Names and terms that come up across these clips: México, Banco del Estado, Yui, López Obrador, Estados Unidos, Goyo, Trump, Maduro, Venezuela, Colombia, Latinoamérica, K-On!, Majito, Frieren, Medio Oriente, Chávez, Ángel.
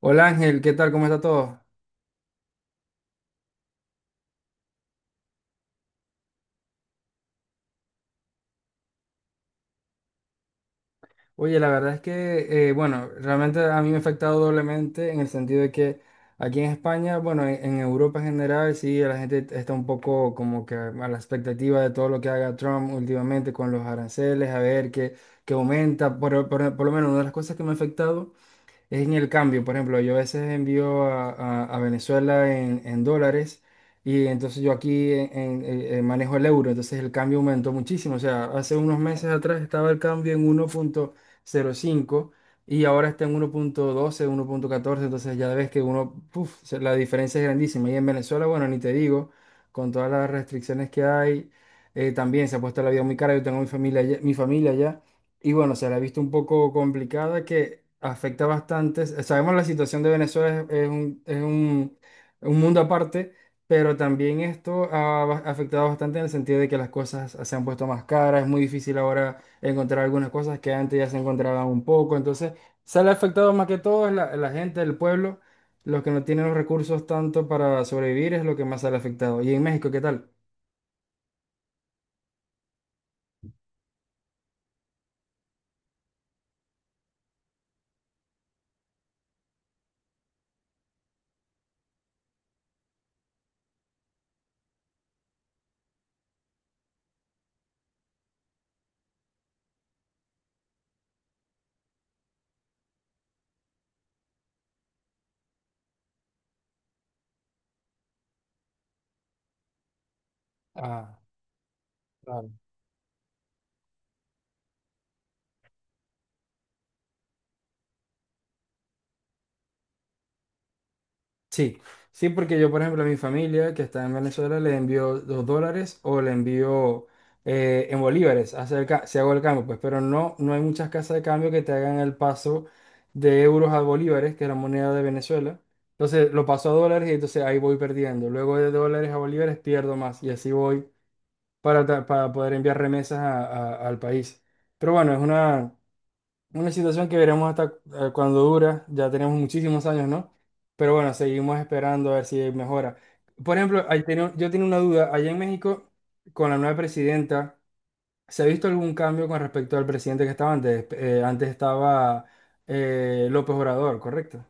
Hola Ángel, ¿qué tal? ¿Cómo está todo? Oye, la verdad es que, bueno, realmente a mí me ha afectado doblemente en el sentido de que aquí en España, bueno, en Europa en general, sí, la gente está un poco como que a la expectativa de todo lo que haga Trump últimamente con los aranceles, a ver qué aumenta. Por lo menos una de las cosas que me ha afectado es en el cambio. Por ejemplo, yo a veces envío a Venezuela en dólares y entonces yo aquí en manejo el euro, entonces el cambio aumentó muchísimo. O sea, hace unos meses atrás estaba el cambio en 1,05 y ahora está en uno punto doce, 1,14, entonces ya ves que uno, puf, la diferencia es grandísima. Y en Venezuela, bueno, ni te digo, con todas las restricciones que hay, también se ha puesto la vida muy cara. Yo tengo mi familia allá. Y bueno, se la ha visto un poco complicada que afecta bastante. Sabemos la situación de Venezuela es un mundo aparte, pero también esto ha afectado bastante en el sentido de que las cosas se han puesto más caras, es muy difícil ahora encontrar algunas cosas que antes ya se encontraban un poco. Entonces, se le ha afectado más que todo es la gente, el pueblo, los que no tienen los recursos tanto para sobrevivir es lo que más se le ha afectado. Y en México, ¿qué tal? Ah, claro. Sí, sí, porque yo, por ejemplo, a mi familia que está en Venezuela le envío $2 o le envío en bolívares, si hago el cambio, pues, pero no hay muchas casas de cambio que te hagan el paso de euros a bolívares, que es la moneda de Venezuela. Entonces lo paso a dólares y entonces ahí voy perdiendo. Luego de dólares a bolívares pierdo más y así voy para poder enviar remesas al país. Pero bueno, es una situación que veremos hasta cuando dura, ya tenemos muchísimos años, ¿no? Pero bueno, seguimos esperando a ver si mejora. Por ejemplo, yo tenía una duda, allá en México, con la nueva presidenta, ¿se ha visto algún cambio con respecto al presidente que estaba antes? Antes estaba López Obrador, ¿correcto?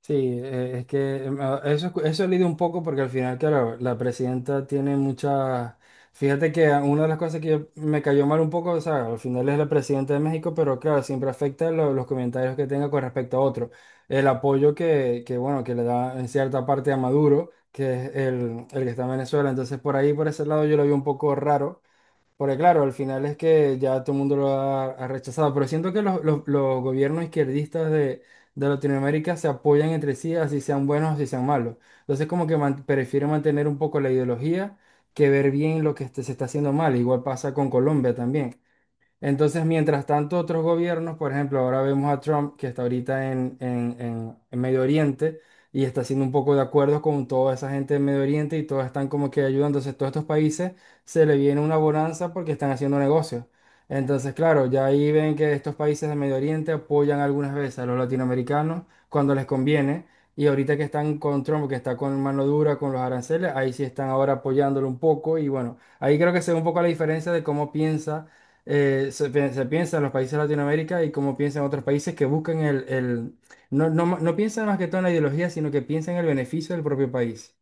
Sí, es que eso lidio un poco porque al final, claro, la presidenta tiene muchas... Fíjate que una de las cosas que me cayó mal un poco, o sea, al final es la presidenta de México, pero claro, siempre afecta los comentarios que tenga con respecto a otro. El apoyo bueno, que le da en cierta parte a Maduro, que es el que está en Venezuela. Entonces, por ahí, por ese lado, yo lo vi un poco raro. Porque claro, al final es que ya todo el mundo lo ha rechazado, pero siento que los gobiernos izquierdistas de Latinoamérica se apoyan entre sí, así sean buenos, así sean malos. Entonces como que prefieren mantener un poco la ideología que ver bien lo que se está haciendo mal. Igual pasa con Colombia también. Entonces, mientras tanto, otros gobiernos, por ejemplo, ahora vemos a Trump que está ahorita en Medio Oriente y está haciendo un poco de acuerdos con toda esa gente de Medio Oriente y todos están como que ayudando. Entonces, todos estos países se le viene una bonanza porque están haciendo negocios. Entonces, claro, ya ahí ven que estos países de Medio Oriente apoyan algunas veces a los latinoamericanos cuando les conviene. Y ahorita que están con Trump, que está con mano dura con los aranceles, ahí sí están ahora apoyándolo un poco. Y bueno, ahí creo que se ve un poco la diferencia de cómo se piensa en los países de Latinoamérica y cómo piensan otros países que buscan no piensan más que todo en la ideología, sino que piensan en el beneficio del propio país.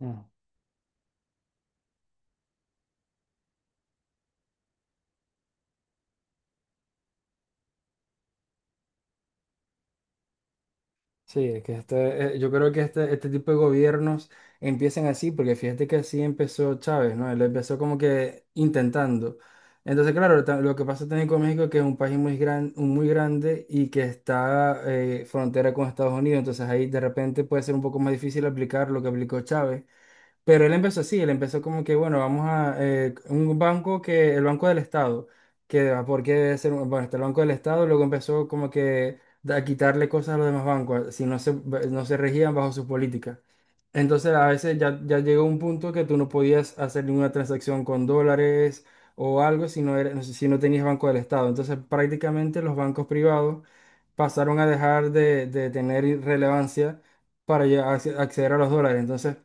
Mm. Sí, es que este, yo creo que este tipo de gobiernos empiezan así, porque fíjate que así empezó Chávez, ¿no? Él empezó como que intentando. Entonces, claro, lo que pasa también con México, es que es un país muy grande y que está frontera con Estados Unidos, entonces ahí de repente puede ser un poco más difícil aplicar lo que aplicó Chávez. Pero él empezó así, él empezó como que, bueno, vamos a un banco que, el Banco del Estado, porque debe ser, bueno, está el Banco del Estado, luego empezó como que a quitarle cosas a los demás bancos, si no se regían bajo sus políticas. Entonces a veces ya llegó un punto que tú no podías hacer ninguna transacción con dólares o algo si no tenías Banco del Estado. Entonces prácticamente los bancos privados pasaron a dejar de tener relevancia para ya acceder a los dólares. Entonces...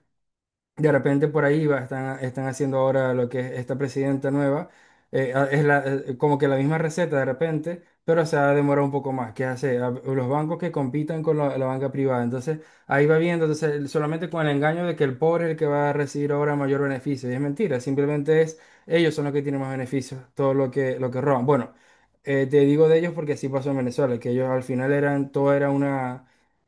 De repente por ahí va, están haciendo ahora lo que es esta presidenta nueva. Como que la misma receta de repente, pero se ha demorado un poco más. ¿Qué hace? Los bancos que compitan con la banca privada. Entonces ahí va viendo, entonces solamente con el engaño de que el pobre es el que va a recibir ahora mayor beneficio. Y es mentira, simplemente es ellos son los que tienen más beneficios, todo lo que roban. Bueno, te digo de ellos porque así pasó en Venezuela, que ellos al final eran, todo era una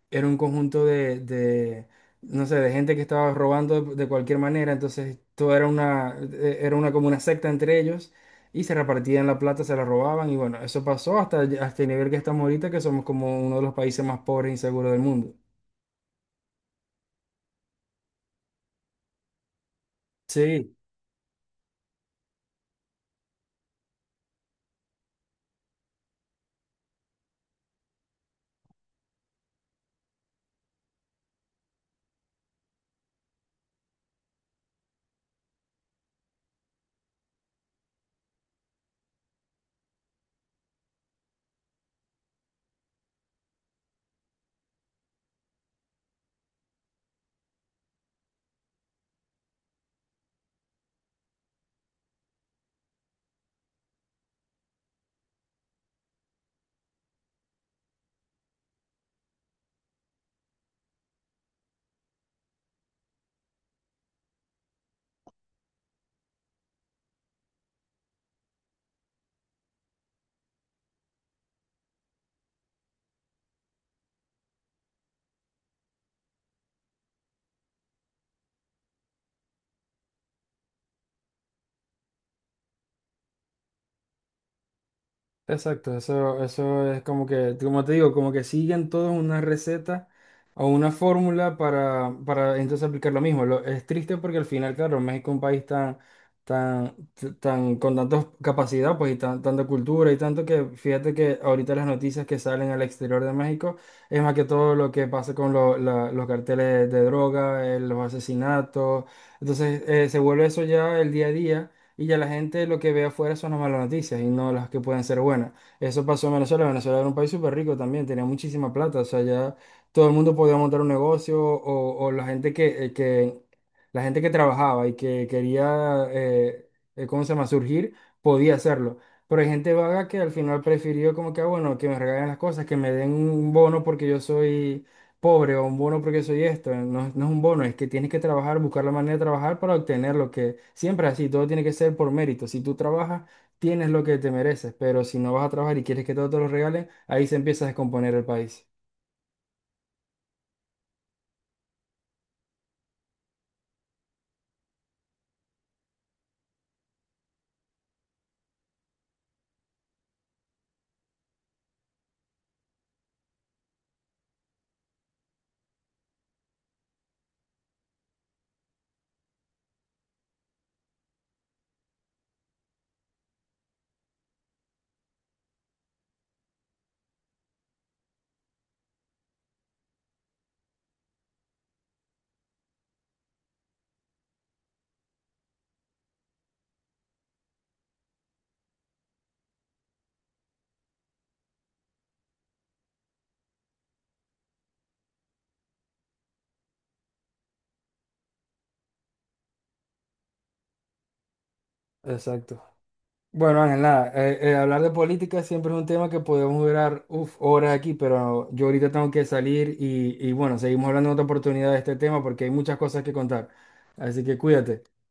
era un conjunto de, no sé, de gente que estaba robando de cualquier manera, entonces todo era una como una secta entre ellos y se repartían la plata, se la robaban y bueno, eso pasó hasta el nivel que estamos ahorita, que somos como uno de los países más pobres e inseguros del mundo. Sí. Exacto, eso es como que, como te digo, como que siguen todos una receta o una fórmula para entonces aplicar lo mismo. Es triste porque al final, claro, México es un país tan, con tantas capacidad, pues, y tanta cultura y tanto que, fíjate que ahorita las noticias que salen al exterior de México es más que todo lo que pasa con los carteles de droga, los asesinatos. Entonces, se vuelve eso ya el día a día y ya la gente lo que ve afuera son las malas noticias y no las que pueden ser buenas. Eso pasó en Venezuela. Venezuela era un país súper rico también, tenía muchísima plata, o sea, ya todo el mundo podía montar un negocio o la gente que trabajaba y que quería, ¿cómo se llama?, surgir, podía hacerlo. Pero hay gente vaga que al final prefirió como que, bueno, que me regalen las cosas, que me den un bono porque yo soy pobre o un bono porque soy esto. No, no es un bono, es que tienes que trabajar, buscar la manera de trabajar para obtener lo que siempre es así, todo tiene que ser por mérito. Si tú trabajas, tienes lo que te mereces, pero si no vas a trabajar y quieres que todo te lo regalen, ahí se empieza a descomponer el país. Exacto. Bueno, Ángel, nada, hablar de política siempre es un tema que podemos durar uf, horas aquí, pero yo ahorita tengo que salir y bueno, seguimos hablando en otra oportunidad de este tema porque hay muchas cosas que contar. Así que cuídate.